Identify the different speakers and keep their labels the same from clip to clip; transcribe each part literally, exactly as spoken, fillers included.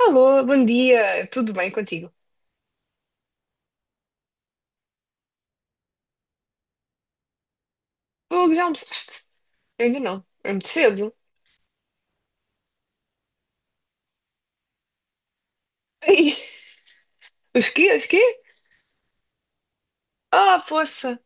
Speaker 1: Alô, bom dia, tudo bem contigo? Fogo, já almoçaste? Eu ainda não, é muito cedo. Ai, os quê? Os quê? Ah, poça!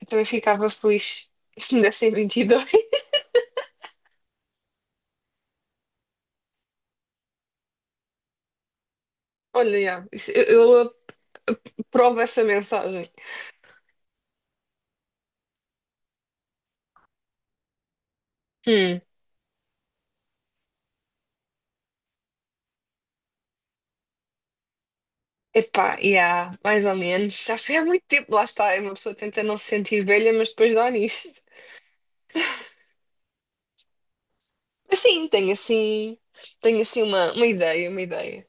Speaker 1: Eu também ficava feliz se me dessem vinte e dois. Olha, já, isso- eu, eu aprovo essa mensagem. Hum, Epá, já, mais ou menos. Já foi há muito tempo, lá está. É. Uma pessoa tenta não se sentir velha, mas depois dá nisto. Mas sim, tenho assim, tenho assim uma, uma ideia, uma ideia.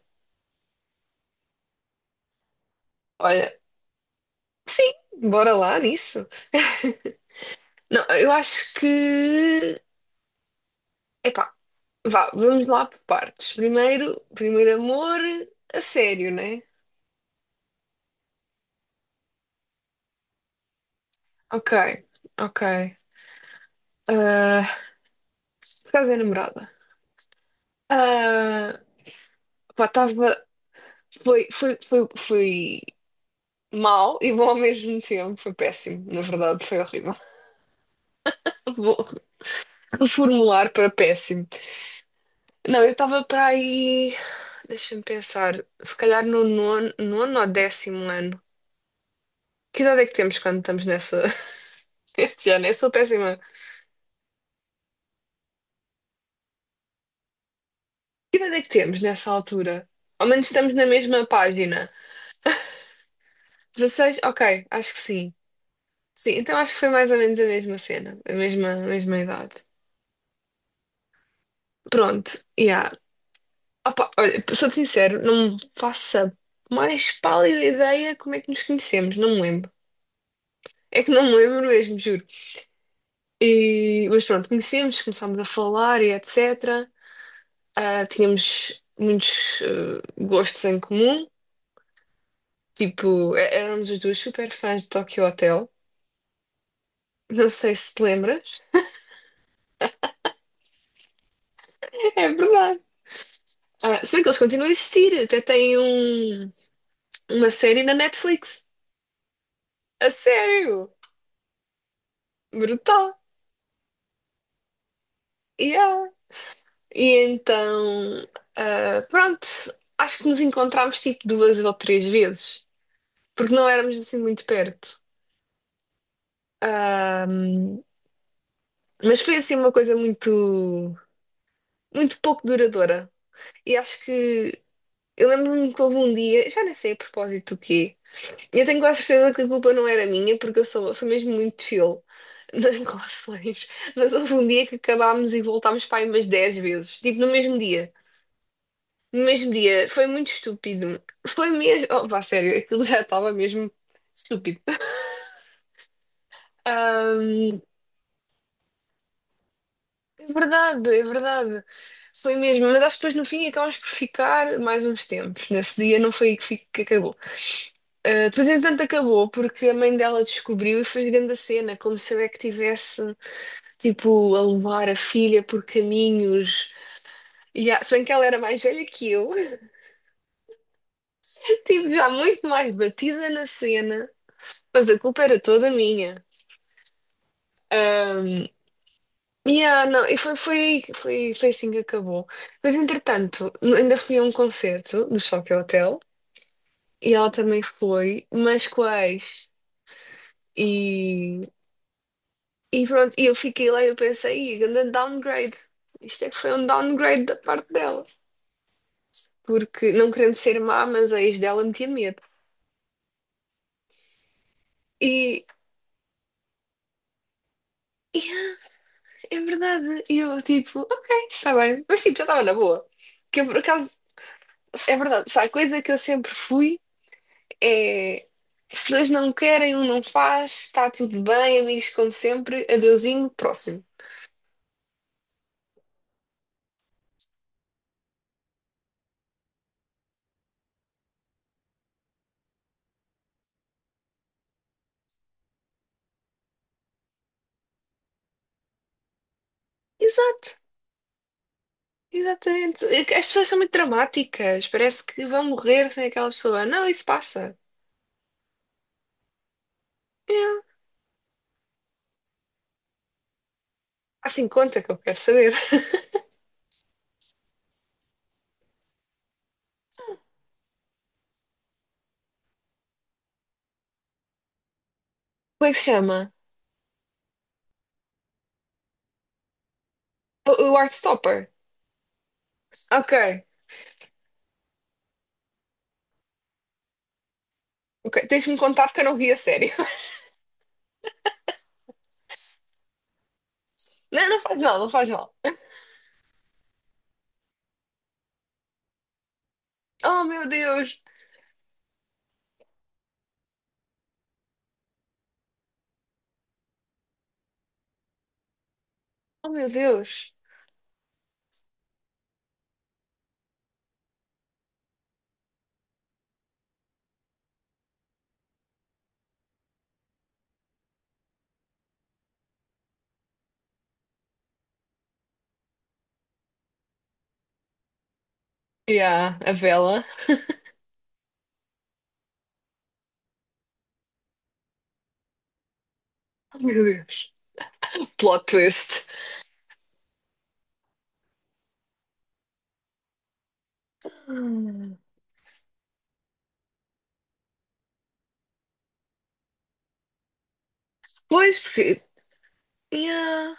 Speaker 1: Olha, sim, bora lá nisso. Não, eu acho que. Epá, vá, vamos lá por partes. Primeiro, primeiro amor a sério, né? Ok, ok. Ah, por causa da namorada. Ah, pá, estava. Foi, foi, foi, foi mal e bom ao mesmo tempo. Foi péssimo, na verdade, foi horrível. Vou reformular para péssimo. Não, eu estava para aí. Deixa-me pensar. Se calhar no nono, nono ou décimo ano. Que idade é que temos quando estamos nessa. Este ano, eu sou péssima. Que idade é que temos nessa altura? Ao menos estamos na mesma página. Dezasseis, Ok, acho que sim. Sim, então acho que foi mais ou menos a mesma cena, a mesma, a mesma idade. Pronto, yeah. Opa, olha, sou-te sincero, não me faço a mais pálida ideia como é que nos conhecemos, não me lembro. É que não me lembro mesmo, juro. E, mas pronto, conhecemos, começámos a falar e et cetera. Ah, tínhamos muitos eh, gostos em comum. Tipo, é- éramos os dois super fãs de Tokyo Hotel. Não sei se te lembras. É verdade. Ah, se bem que eles continuam a existir, até têm um, uma série na Netflix. A sério! Brutal! Yeah. E então, ah, pronto, acho que nos encontramos tipo duas ou três vezes, porque não éramos assim muito perto. Mas foi assim uma coisa muito, muito pouco duradoura. E acho que eu lembro-me que houve um dia, já nem sei a propósito do quê. Eu tenho quase certeza que a culpa não era minha, porque eu sou, sou mesmo muito chill nas relações. Mas houve um dia que acabámos e voltámos para aí umas dez vezes, tipo no mesmo dia. No mesmo dia, foi muito estúpido. Foi mesmo. Oh, pá, sério, aquilo já estava mesmo estúpido. Ah, é verdade, é verdade. Foi mesmo, mas acho que depois no fim acabámos por ficar mais uns tempos. Nesse dia não foi aí que, fi- que acabou. Ah, depois, entanto, acabou porque a mãe dela descobriu e fez grande a cena, como se eu é que tivesse. Tipo, a levar a filha por caminhos. E, ah, se bem que ela era mais velha que eu, tive já muito mais batida na cena, mas a culpa era toda minha. Ah, e ah, não, e foi, foi, foi, foi assim que acabou. Mas entretanto, ainda fui a um concerto no Choque Hotel e ela também foi, mas com a ex. E, e pronto, e eu fiquei lá e eu pensei, "Ih, grande downgrade. Isto é que foi um downgrade da parte dela, porque não querendo ser má, mas a ex dela metia medo." E, yeah, é verdade. E eu, tipo, ok, está bem. Mas, tipo, já estava na boa. Que eu, por acaso, é verdade. Se há coisa que eu sempre fui, é. Se dois não querem, um não faz, está tudo bem, amigos como sempre, adeusinho, próximo. Exato, exatamente. É que As pessoas são muito dramáticas, parece que vão morrer sem aquela pessoa. Não, isso passa. É. Assim conta que eu quero saber. Como é que se chama? O, o Heartstopper. Ok, ok. Tens-me contar porque eu não vi a série. Não, não faz mal, não faz mal. Oh meu Deus! Oh meu Deus! E há a vela. Oh meu Deus! Plot twist. Hum. Pois, porque. Yeah.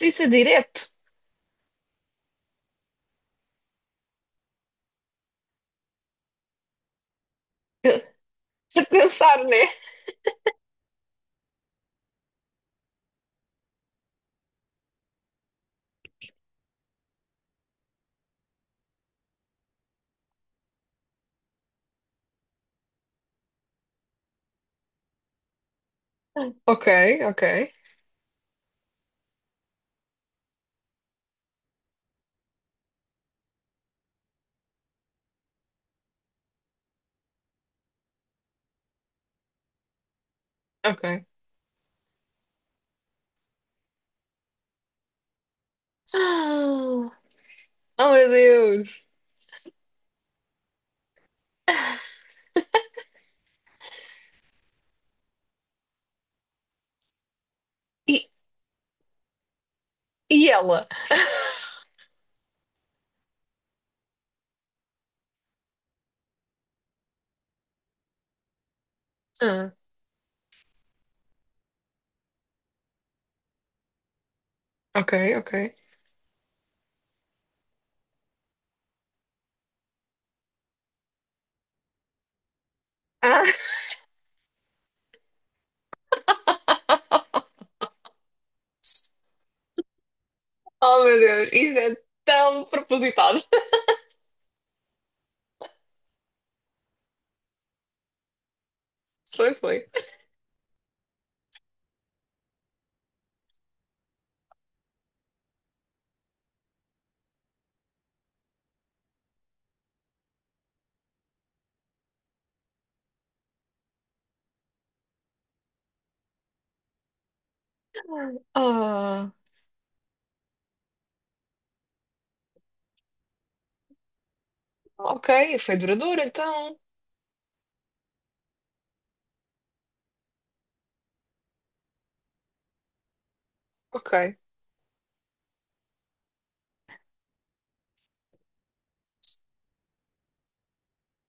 Speaker 1: Isso é direto. A pensar, né? Ok, ok, ok. Ah, oh meu Deus! E, e ela? Ah, ok, ok. Ah, oh meu Deus! Isso é tão propositado. Foi, foi. Ah, ok, foi duradouro então. Ok.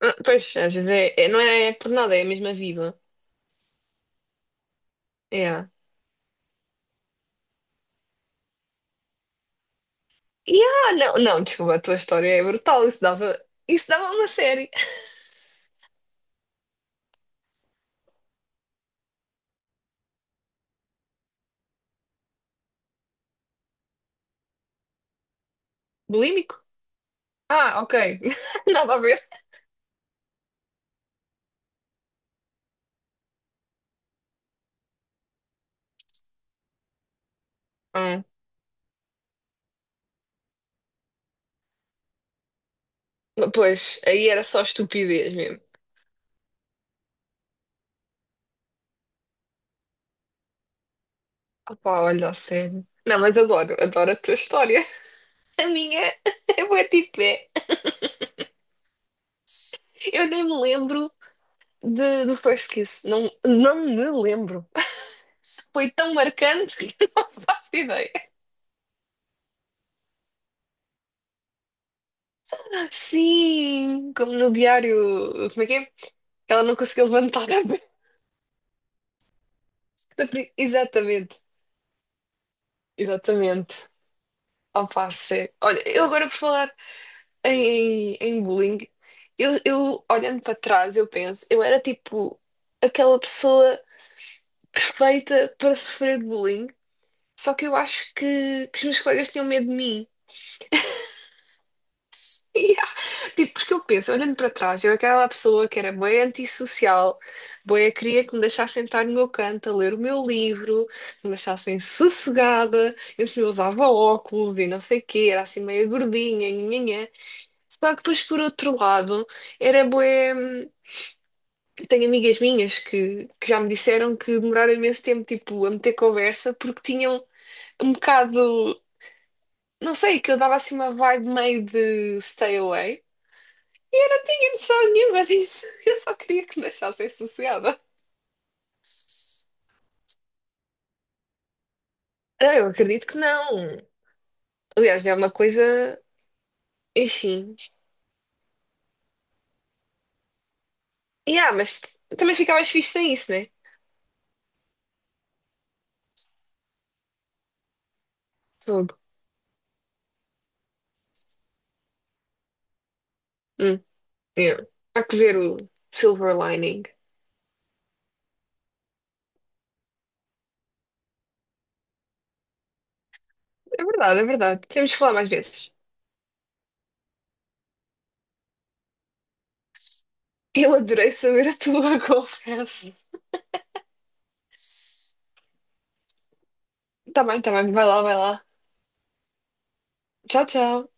Speaker 1: Ah, pois, às vezes é, é- não é é por nada, é a mesma vida. É. E ah, não, não, desculpa, a tua história é brutal. Isso dava, isso dava uma série. Bulímico? Ah, ok. Nada a ver. Hum. Pois, aí era só estupidez mesmo. Opá, olha, a sério. Não, mas adoro, adoro a tua história. A minha é bué tipo é. Eu nem me lembro de, do First Kiss. Não, não me lembro. Foi tão marcante que não faço ideia. Sim, como no diário. Como é que é? Que Ela não conseguiu levantar a perna. Exatamente, exatamente. Opa, sério. Olha, eu agora por falar em, em bullying, eu, eu olhando para trás, eu penso, eu era tipo aquela pessoa perfeita para sofrer de bullying, só que eu acho que, que os meus colegas tinham medo de mim. Yeah. Tipo, porque eu penso, olhando para trás, eu aquela pessoa que era bem antissocial, bem, eu queria que me deixassem estar no meu canto a ler o meu livro, que me deixassem sossegada, eu eu usava óculos e não sei o quê, era assim meio gordinha, nhanhanhã. Só que depois, por outro lado, era bué. hum, Tenho amigas minhas que, que já me disseram que demoraram imenso tempo, tipo, a meter conversa, porque tinham um bocado. Não sei, que eu dava assim uma vibe meio de stay away. e eu não tinha noção nenhuma disso. Eu só queria que me achassem sossegada. Ah, Eu acredito que não. Aliás, é uma coisa. Enfim. e ah mas também fica mais fixe sem isso, né? Fogo. Hum, yeah. Há que ver o silver lining. É verdade, é verdade. Temos que falar mais vezes. Eu adorei saber a tua, confesso. Tá bem, tá bem. Vai lá, vai lá. Tchau, tchau.